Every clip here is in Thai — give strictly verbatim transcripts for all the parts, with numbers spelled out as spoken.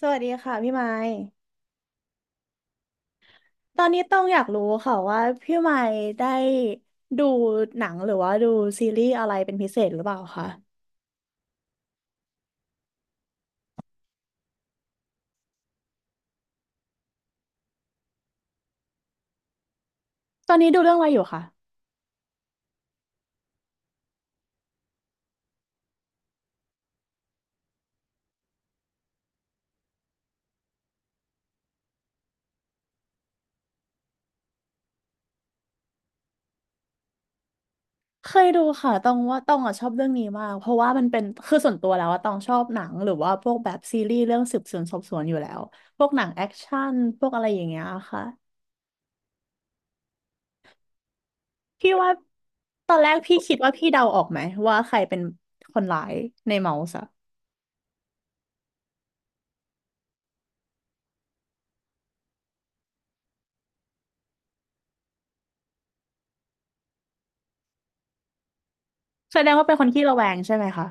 สวัสดีค่ะพี่ไม้ตอนนี้ต้องอยากรู้ค่ะว่าพี่ไม้ได้ดูหนังหรือว่าดูซีรีส์อะไรเป็นพิเศษหรือเปล่าคะตอนนี้ดูเรื่องอะไรอยู่คะเคยดูค่ะตองว่าตองอ่ะชอบเรื่องนี้มากเพราะว่ามันเป็นคือส่วนตัวแล้วว่าตองชอบหนังหรือว่าพวกแบบซีรีส์เรื่องสืบสวนสอบสวนอยู่แล้วพวกหนังแอคชั่นพวกอะไรอย่างเงี้ยค่ะพี่ว่าตอนแรกพี่คิดว่าพี่เดาออกไหมว่าใครเป็นคนร้ายในเมาส์อะแสดงว่าเป็นคนขี้ระแวงใช่ไหมคะ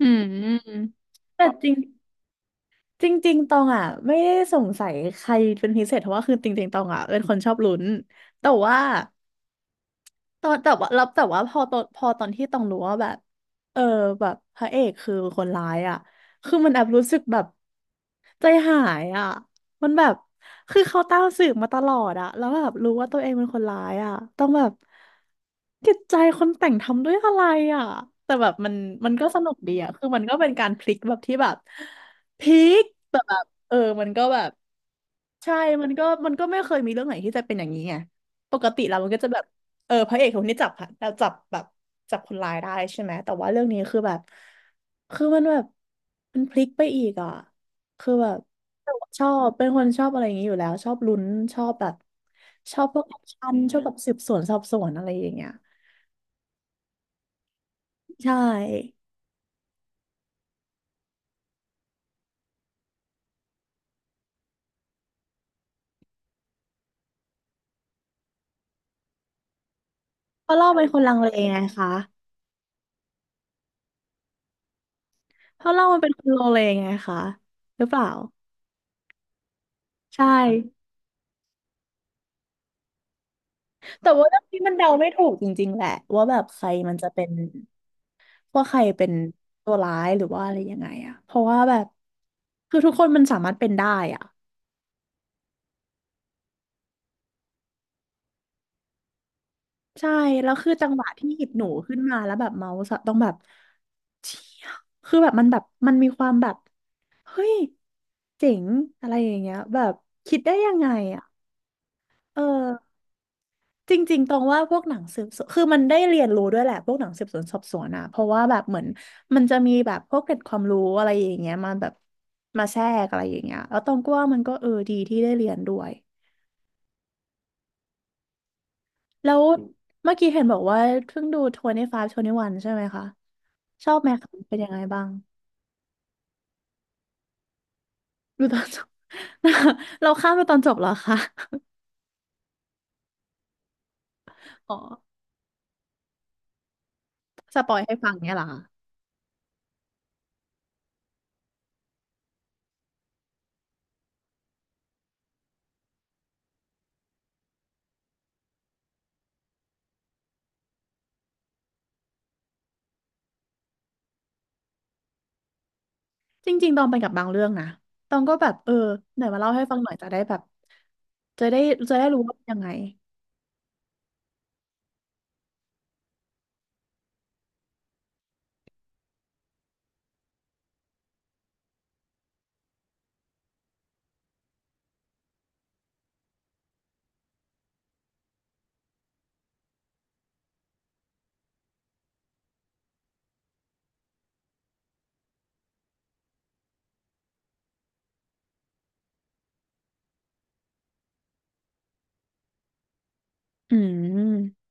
อืมแต่จริงจริงจริงๆตองอ่ะไม่ได้สงสัยใครเป็นพิเศษเพราะว่าคือจริงๆตองอ่ะเป็นคนชอบลุ้นแต่ว่า ตอนแต่ว่าแล้วแต่ว่าพอตอนพอตอนที่ต้องรู้ว่าแบบเออแบบพระเอกคือคนร้ายอ่ะคือมันแอบรู้สึกแบบใจหายอ่ะมันแบบคือเขาตามสืบมาตลอดอ่ะแล้วแบบรู้ว่าตัวเองเป็นคนร้ายอ่ะต้องแบบจิตใจคนแต่งทำด้วยอะไรอ่ะแต่แบบมันมันก็สนุกดีอ่ะคือมันก็เป็นการพลิกแบบที่แบบพลิกแต่แบบเออมันก็แบบ ใช่มันก็ มันก็ไม่เคยมีเรื่องไหนที่จะเป็นอย่างนี้ไง ปกติเรามันก็จะแบบเออพระเอกคนนี้จับเราจับแบบจับคนร้ายได้ใช่ไหม แต่ว่าเรื่องนี้คือแบบ คือมันแบบมันพลิกไปอีกอ่ะคือแบบชอบเป็นคนชอบอะไรอย่างนี้อยู่แล้ว ชอบลุ้น ชอบแบบ ชอบพวกแอคชั่นชอบแบบสืบสวนสอบสวนอะไรอย่างเงี้ยใช่เพราะเราเป็นคนลังเลไงคะเพราะเรามันเป็นคนโลเลไงคะหรือเปล่าใช่ แต่ว่าเรื่องนี้มันเดาไม่ถูกจริงๆแหละว่าแบบใครมันจะเป็นว่าใครเป็นตัวร้ายหรือว่าอะไรยังไงอะเพราะว่าแบบคือทุกคนมันสามารถเป็นได้อะใช่แล้วคือจังหวะที่หยิบหนูขึ้นมาแล้วแบบเมาส์อะต้องแบบเชี่ยคือแบบมันแบบมันมีความแบบเฮ้ยเจ๋งอะไรอย่างเงี้ยแบบคิดได้ยังไงอะเออ จริงๆตรงว่าพวกหนังสืบสวนคือมันได้เรียนรู้ด้วยแหละพวกหนังสืบสวนสอบสวนอะเพราะว่าแบบเหมือนมันจะมีแบบพวกเกร็ดความรู้อะไรอย่างเงี้ยมาแบบมาแทรกอะไรอย่างเงี้ยแล้วตรงก็ว่ามันก็เออดีที่ได้เรียนด้วยแล้วเมื่อกี้เห็นบอกว่าเพิ่งดูยี่สิบห้า ยี่สิบเอ็ดใช่ไหมคะชอบไหมคะเป็นยังไงบ้างดูตอนจบ เราข้ามไปตอนจบเหรอคะอ๋อสปอยให้ฟังเนี่ยเหรอคะ จริงๆ ตองไปกับบางเรื่องนะตองก็แบบ เออไหนมาเล่าให้ฟังหน่อยจะได้แบบ จะได้จะได้รู้ว่าเป็นยังไง อืม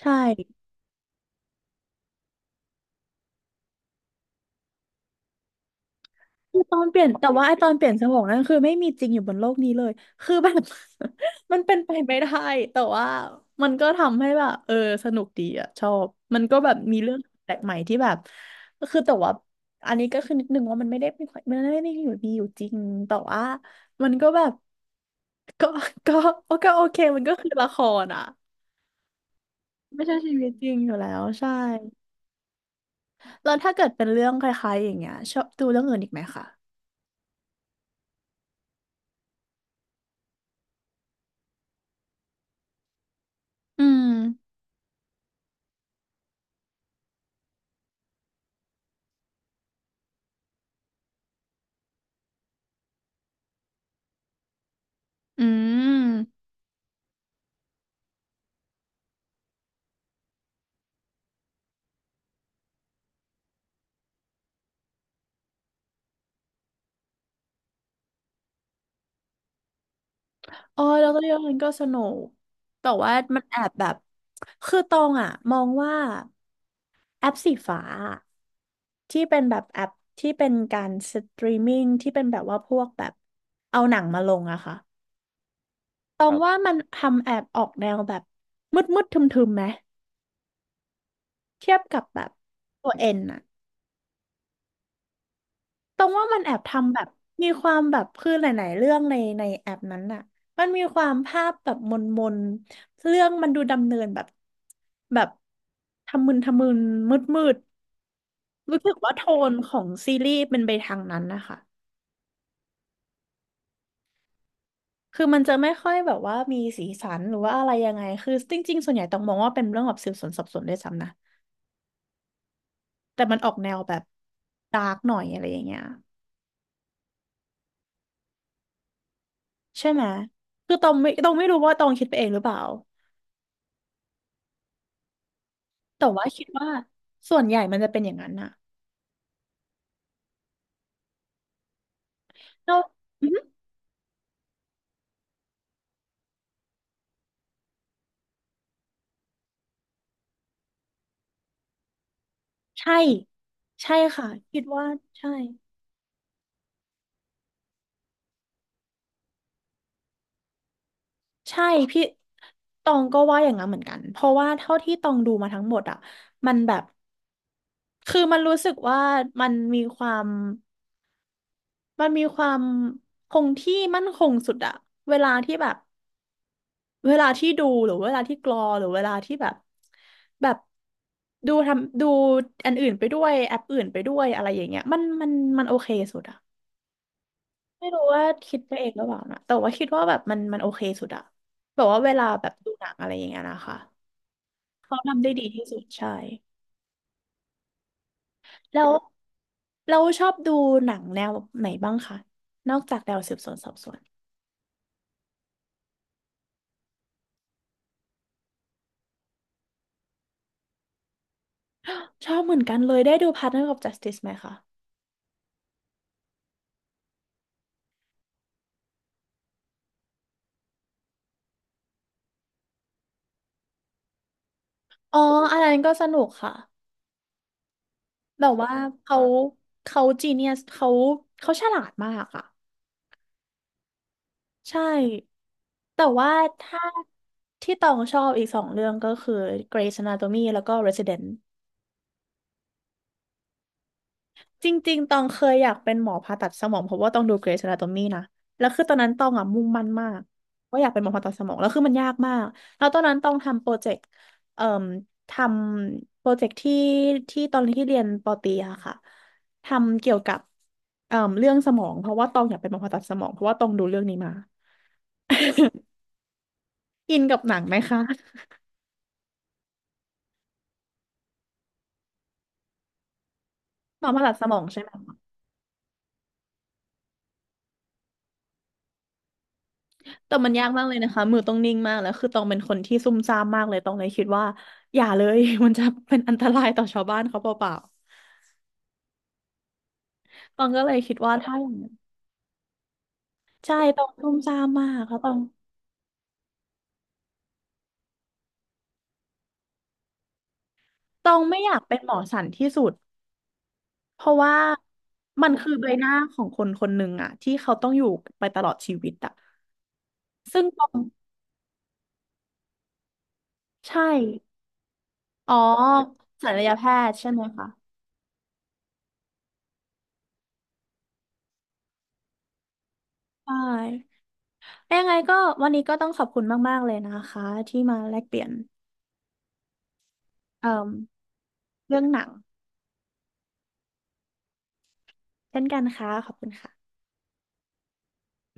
ใช่ คือตอนเปลี่ยนแต่ว่าไอตอนเปลี่ยนสมองนั่นคือไม่มีจริงอยู่บนโลกนี้เลยคือแบบ มันเป็นไปไม่ได้แต่ว่ามันก็ทำให้แบบเออสนุกดีอะชอบมันก็แบบมีเรื่องแปลกใหม่ที่แบบคือแต่ว่าอันนี้ก็คือนิดนึงว่ามันไม่ได้มีมันไม่ได้มีอยู่มีอยู่จริงแต่ว่ามันก็แบบก็ ก็ก็โอเคมันก็คือละครอะไม่ใช่ชีวิตจริงอยู่แล้วใช่แล้วถ้าเกิดเป็นเรื่องคล้ายๆอย่างเงี้ยชอบดูเรื่องอื่นอีกไหมคะอืมอืม อ๋อแล้วก็ยกมันก็สนุก แต่ว่ามันแอบแบบ คือตองอ่ะมองว่าแอปสีฟ้าอะที่เป็นแบบแอปที่เป็นการสตรีมมิ่งที่เป็นแบบว่าพวกแบบเอาหนังมาลงอะค่ะตอคงรับว่ามันทำแอบออกแนวแบบมืดมืดทึมทึมๆไหมเทียบกับแบบตัวเอ็นอะ ตรงว่ามันแอบทำแบบมีความแบบคือหลายๆเรื่องในในแอปนั้นน่ะมันมีความภาพแบบมนมนเรื่องมันดูดำเนินแบบแบบทำมึนทำมึนมืดมืดรู้สึกว่าโทนของซีรีส์เป็นไปทางนั้นนะคะคือมันจะไม่ค่อยแบบว่ามีสีสันหรือว่าอะไรยังไงคือจริงๆส่วนใหญ่ต้องมองว่าเป็นเรื่องแบบสืบสวนสอบสวนด้วยซ้ำนะแต่มันออกแนวแบบดาร์กหน่อยอะไรอย่างเงี้ยใช่ไหมคือตองไม่ตองไม่รู้ว่าตองคิดไปเองหรือเปล่า แต่ว่าคิดว่าส่วนใหญ่มันจะเป็นอย่างนั้นน่ะแล้วอือหือใช่ใช่ค่ะคิดว่าใช่ใช่พี่ตองก็ว่าอย่างนั้นเหมือนกันเพราะว่าเท่าที่ตองดูมาทั้งหมดอ่ะมันแบบคือมันรู้สึกว่ามันมีความมันมีความคงที่มั่นคงสุดอะเวลาที่แบบเวลาที่ดูหรือเวลาที่กรอหรือเวลาที่แบบแบบดูทำดูอันอื่นไปด้วยแอปอื่นไปด้วยอะไรอย่างเงี้ยมันมันมันโอเคสุดอะ ไม่รู้ว่าคิดไปเองหรือเปล่านะ แต่ว่าคิดว่าแบบมันมันโอเคสุดอะแบบว่าเวลาแบบดูหนังอะไรอย่างเงี้ยนะคะเขาทำได้ดีที่สุดใช่แล้วเราชอบดูหนังแนวไหนบ้างคะ นอกจากแนวสืบสวนสอบสวน ชอบเหมือนกันเลยได้ดู Partner of Justice ไหมคะ อ๋ออันนั้นก็สนุกค่ะแบบว่าเขาเขาจีเนียสเขาเขาฉลาดมากอะใช่ แต่ว่าถ้าที่ตองชอบอีกสองเรื่องก็คือ Grey's Anatomy แล้วก็ Resident จริงๆตองเคยอยากเป็นหมอผ่าตัดสมองเพราะว่าต้องดู Grey's Anatomy นะแล้วคือตอนนั้นตองอ่ะมุ่งมั่นมากว่าอยากเป็นหมอผ่าตัดสมองแล้วคือมันยากมากแล้วตอนนั้นตองทำโปรเจกต์เอ่อทำโปรเจกต์ที่ที่ตอนที่เรียนปอตรีอะค่ะทำเกี่ยวกับเอ่อเรื่องสมองเพราะว่าตองอยากเป็นหมอผ่าตัดสมองเพราะว่าตองดูเรื่องนี้มาอินกับหนังไหมคะหมอผ่าตัดสมองใช่ไหม แต่มันยากมากเลยนะคะมือต้องนิ่งมากแล้วคือตองเป็นคนที่ซุ่มซ่ามมากเลยตองเลยคิดว่าอย่าเลย มันจะเป็นอันตรายต่อชาวบ้านเขาเปล่าๆตองก็เลยคิดว่าถ้าอย่างนั้นใช่ตองซุ่มซ่ามมากแล้วตองตองไม่อยากเป็นหมอสันที่สุดเพราะว่ามันคือใบหน้าของคนคนหนึ่งอะที่เขาต้องอยู่ไปตลอดชีวิตอะซึ่งตองใช่อ๋อศัลยแพทย์ใช่ไหมคะใช่ยังไงก็วันนี้ก็ต้องขอบคุณมากๆเลยนะคะที่มาแลกเปลี่ยนเอ่อเรื่องหนัง เช่นกันค่ะขอบคุณค่ะ